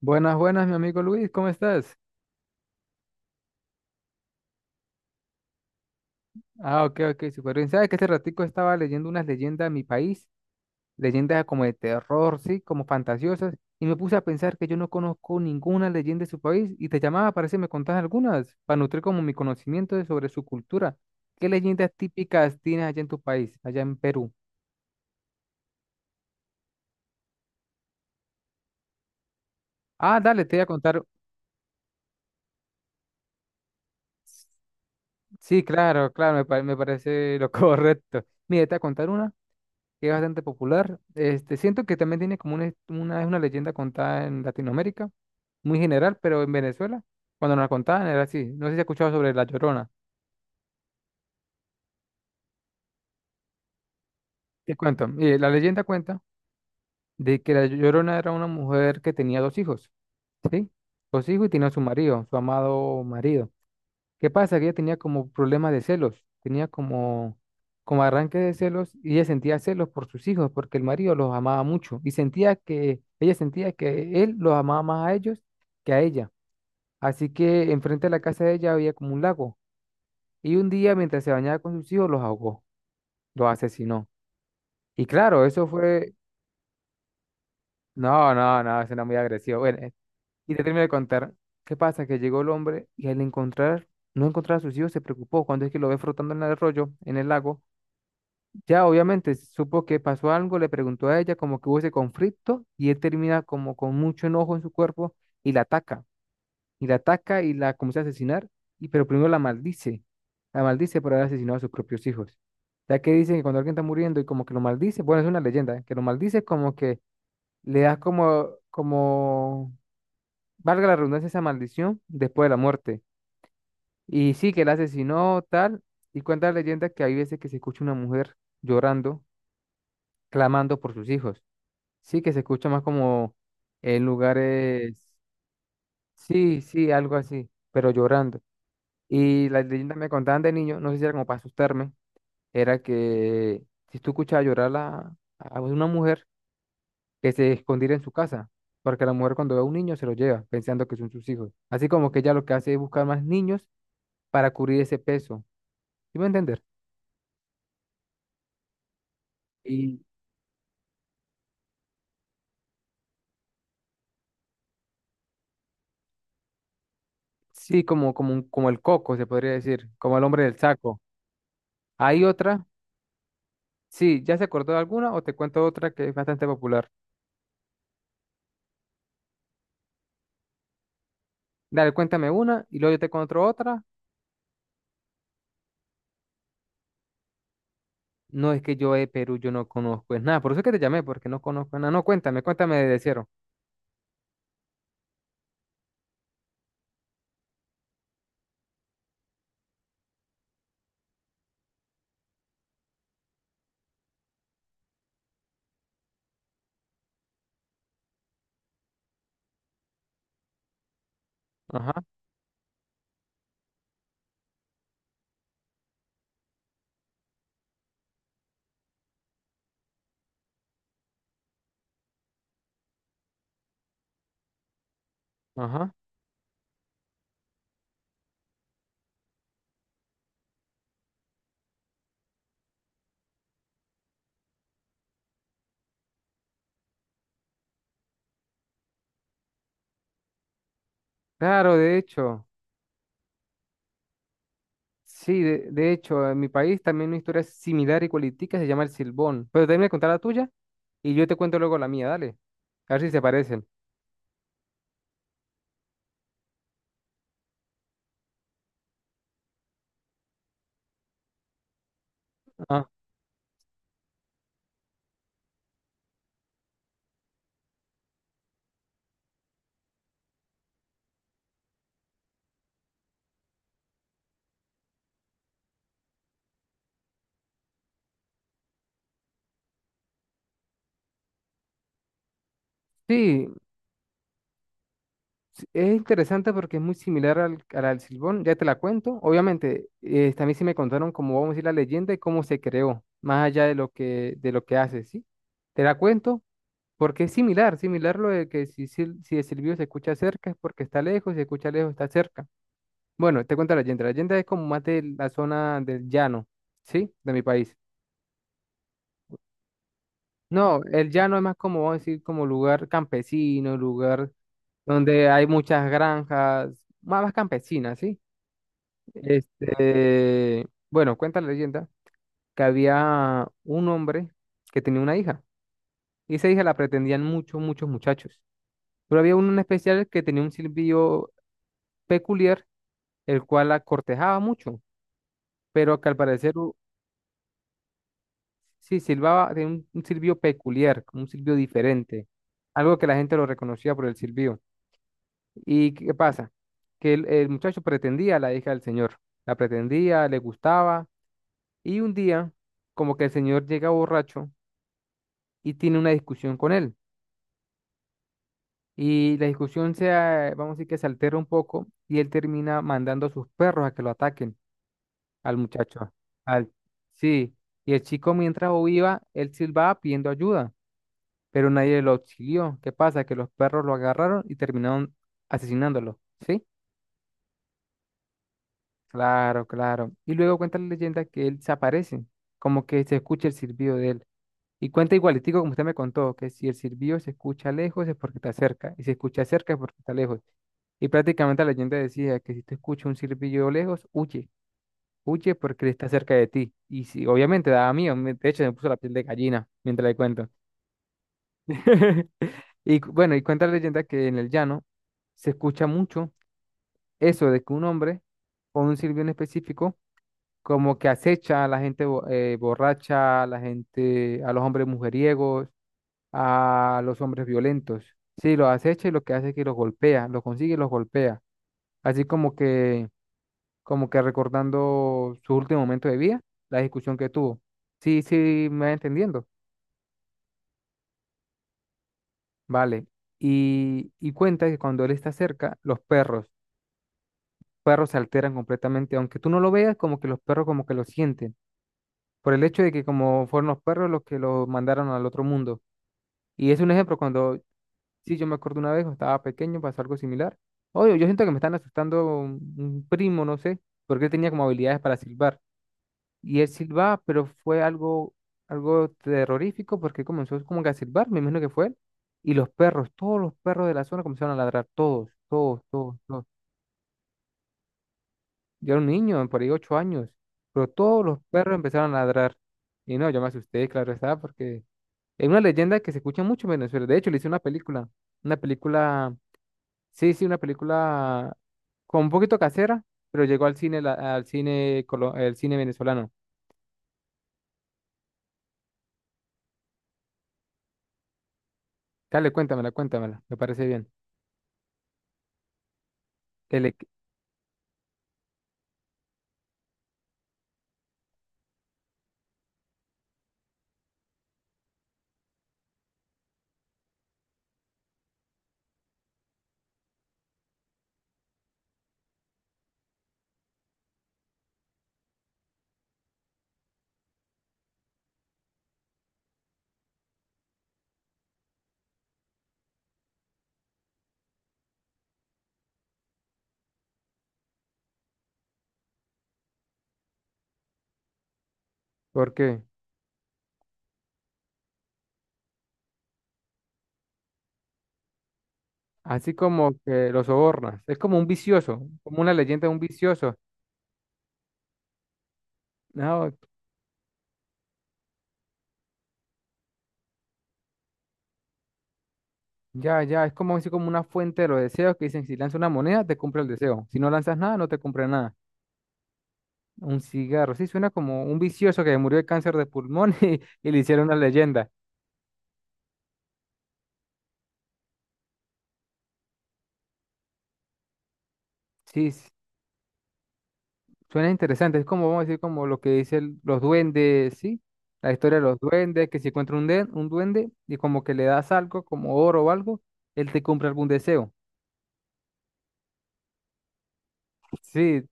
Buenas, buenas, mi amigo Luis, ¿cómo estás? Ah, ok, ok, súper bien. ¿Sabes que este ratico estaba leyendo unas leyendas de mi país? Leyendas como de terror, sí, como fantasiosas, y me puse a pensar que yo no conozco ninguna leyenda de su país, y te llamaba para ver si me contás algunas, para nutrir como mi conocimiento sobre su cultura. ¿Qué leyendas típicas tienes allá en tu país, allá en Perú? Ah, dale, te voy a contar. Sí, claro, claro, me parece lo correcto. Mire, te voy a contar una que es bastante popular. Este, siento que también tiene como una, es- una, es una leyenda contada en Latinoamérica, muy general, pero en Venezuela, cuando nos la contaban era así. No sé si has escuchado sobre La Llorona. Te cuento, la leyenda cuenta de que La Llorona era una mujer que tenía dos hijos, ¿sí? Dos hijos y tenía a su marido, su amado marido. ¿Qué pasa? Que ella tenía como problema de celos, como arranque de celos y ella sentía celos por sus hijos porque el marido los amaba mucho y ella sentía que él los amaba más a ellos que a ella. Así que enfrente de la casa de ella había como un lago y un día mientras se bañaba con sus hijos los ahogó, los asesinó. Y claro, eso fue, no, no, no, eso era muy agresivo. Bueno, y te termino de contar, ¿qué pasa? Que llegó el hombre y al no encontrar a sus hijos se preocupó cuando es que lo ve flotando en el arroyo, en el lago. Ya obviamente supo que pasó algo, le preguntó a ella como que hubo ese conflicto y él termina como con mucho enojo en su cuerpo y la ataca, y la ataca y la comienza a asesinar, y pero primero la maldice por haber asesinado a sus propios hijos. Ya que dicen que cuando alguien está muriendo y como que lo maldice, bueno, es una leyenda, ¿eh?, que lo maldice como que le das valga la redundancia, esa maldición después de la muerte. Y sí, que la asesinó tal, y cuenta la leyenda que hay veces que se escucha una mujer llorando, clamando por sus hijos. Sí, que se escucha más como en lugares, sí, sí, algo así, pero llorando. Y las leyendas me contaban de niño, no sé si era como para asustarme, era que si tú escuchabas llorar a una mujer, que se escondiera en su casa, porque la mujer cuando ve a un niño se lo lleva, pensando que son sus hijos. Así como que ella lo que hace es buscar más niños para cubrir ese peso, ¿sí me a entender? Y sí, como el coco, se podría decir, como el hombre del saco. Hay otra. Sí, ¿ya se acordó de alguna o te cuento otra que es bastante popular? Dale, cuéntame una y luego yo te cuento otra. No, es que yo de Perú, yo no conozco es nada, por eso es que te llamé, porque no conozco nada. No, cuéntame, cuéntame de cero. Ajá, ajá. Claro, de hecho, sí, de hecho, en mi país también una historia similar y cualitica se llama el Silbón. Pero déjame contar la tuya y yo te cuento luego la mía, dale. A ver si se parecen. Ah, sí, sí, es interesante porque es muy similar al Silbón, ya te la cuento. Obviamente, también sí me contaron cómo vamos a decir la leyenda y cómo se creó, más allá de lo que hace, ¿sí? Te la cuento porque es similar, similar lo de que si el silbido se escucha cerca es porque está lejos, si se escucha lejos está cerca. Bueno, te cuento la leyenda. La leyenda es como más de la zona del llano, ¿sí? De mi país. No, el llano es más como, vamos a decir, como lugar campesino, lugar donde hay muchas granjas, más, más campesinas, ¿sí? Este, bueno, cuenta la leyenda que había un hombre que tenía una hija y esa hija la pretendían muchos, muchos muchachos. Pero había uno en especial que tenía un silbido peculiar, el cual la cortejaba mucho, pero que al parecer sí silbaba, tenía un silbido peculiar, como un silbido diferente, algo que la gente lo reconocía por el silbido. ¿Y qué pasa? Que el muchacho pretendía a la hija del señor, la pretendía, le gustaba y un día como que el señor llega borracho y tiene una discusión con él. Y la discusión vamos a decir que se altera un poco y él termina mandando a sus perros a que lo ataquen al muchacho. Al, sí, y el chico mientras viva, él silbaba pidiendo ayuda, pero nadie lo auxilió. ¿Qué pasa? Que los perros lo agarraron y terminaron asesinándolo, ¿sí? Claro, claro. Y luego cuenta la leyenda que él se aparece, como que se escucha el silbido de él. Y cuenta igualitico como usted me contó, que si el silbido se escucha lejos es porque está cerca, y si se escucha cerca es porque está lejos. Y prácticamente la leyenda decía que si tú escuchas un silbido lejos, huye, huye porque él está cerca de ti. Y si, obviamente daba miedo, de hecho me puso la piel de gallina mientras le cuento. Y bueno, y cuenta la leyenda que en el llano se escucha mucho eso de que un hombre con un silbido en específico como que acecha a la gente borracha, a la gente, a los hombres mujeriegos, a los hombres violentos. Sí, los acecha y lo que hace es que los golpea, los consigue y los golpea. Así como que recordando su último momento de vida, la discusión que tuvo. Sí, sí, me va entendiendo. Vale. Y cuenta que cuando él está cerca, perros se alteran completamente, aunque tú no lo veas, como que los perros como que lo sienten, por el hecho de que como fueron los perros los que lo mandaron al otro mundo. Y es un ejemplo cuando sí, yo me acuerdo una vez, cuando estaba pequeño, pasó algo similar. Obvio, yo siento que me están asustando un primo, no sé, porque él tenía como habilidades para silbar. Y él silbaba, pero fue algo, algo terrorífico porque comenzó como que a silbar, me imagino que fue él. Y los perros, todos los perros de la zona comenzaron a ladrar, todos, todos, todos, todos. Yo era un niño, por ahí 8 años, pero todos los perros empezaron a ladrar. Y no, yo me asusté, claro está, porque es una leyenda que se escucha mucho en Venezuela. De hecho, le hice una película, una película. Sí, sí, una película con un poquito casera, pero llegó al cine, al cine, el cine venezolano. Dale, cuéntamela, cuéntamela, me parece bien. el le- Porque así como que lo sobornas, es como un vicioso, como una leyenda de un vicioso. No, ya, ya, es como así como una fuente de los deseos que dicen, si lanzas una moneda, te cumple el deseo. Si no lanzas nada, no te cumple nada. Un cigarro, sí, suena como un vicioso que murió de cáncer de pulmón y le hicieron una leyenda. Sí, suena interesante, es como, vamos a decir, como lo que dicen los duendes, ¿sí? La historia de los duendes, que si encuentra un duende y como que le das algo, como oro o algo, él te cumple algún deseo. Sí,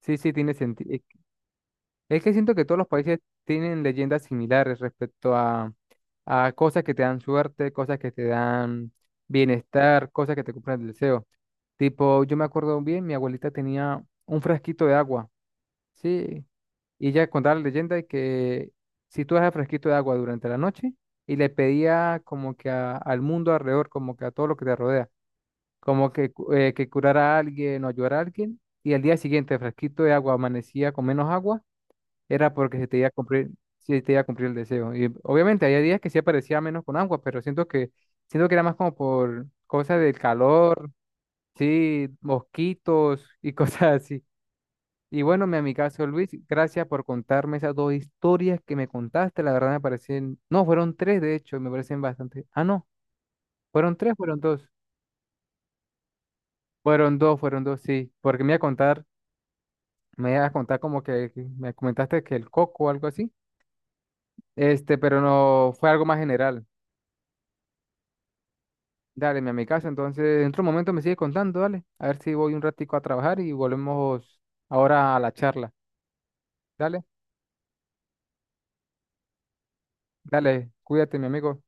sí, sí, tiene sentido. Es que siento que todos los países tienen leyendas similares respecto a cosas que te dan suerte, cosas que te dan bienestar, cosas que te cumplen el deseo. Tipo, yo me acuerdo bien, mi abuelita tenía un frasquito de agua, ¿sí? Y ella contaba la leyenda de que si tú dejas fresquito de agua durante la noche y le pedía como que al mundo alrededor, como que a todo lo que te rodea, como que, que curara a alguien o ayudara a alguien, y al día siguiente fresquito de agua amanecía con menos agua, era porque se te iba a cumplir, se te iba a cumplir el deseo. Y obviamente había días que sí aparecía menos con agua, pero siento que era más como por cosas del calor, sí, mosquitos y cosas así. Y bueno, mi amigazo Luis, gracias por contarme esas dos historias que me contaste. La verdad me parecen, no, fueron tres de hecho, me parecen bastante. Ah, no, fueron tres, fueron dos. Fueron dos, fueron dos, sí. Porque me iba a contar, me iba a contar como que me comentaste que el coco o algo así. Este, pero no, fue algo más general. Dale, mi amigazo, entonces dentro de un momento me sigue contando, dale. A ver si voy un ratico a trabajar y volvemos ahora a la charla. Dale, dale, cuídate, mi amigo.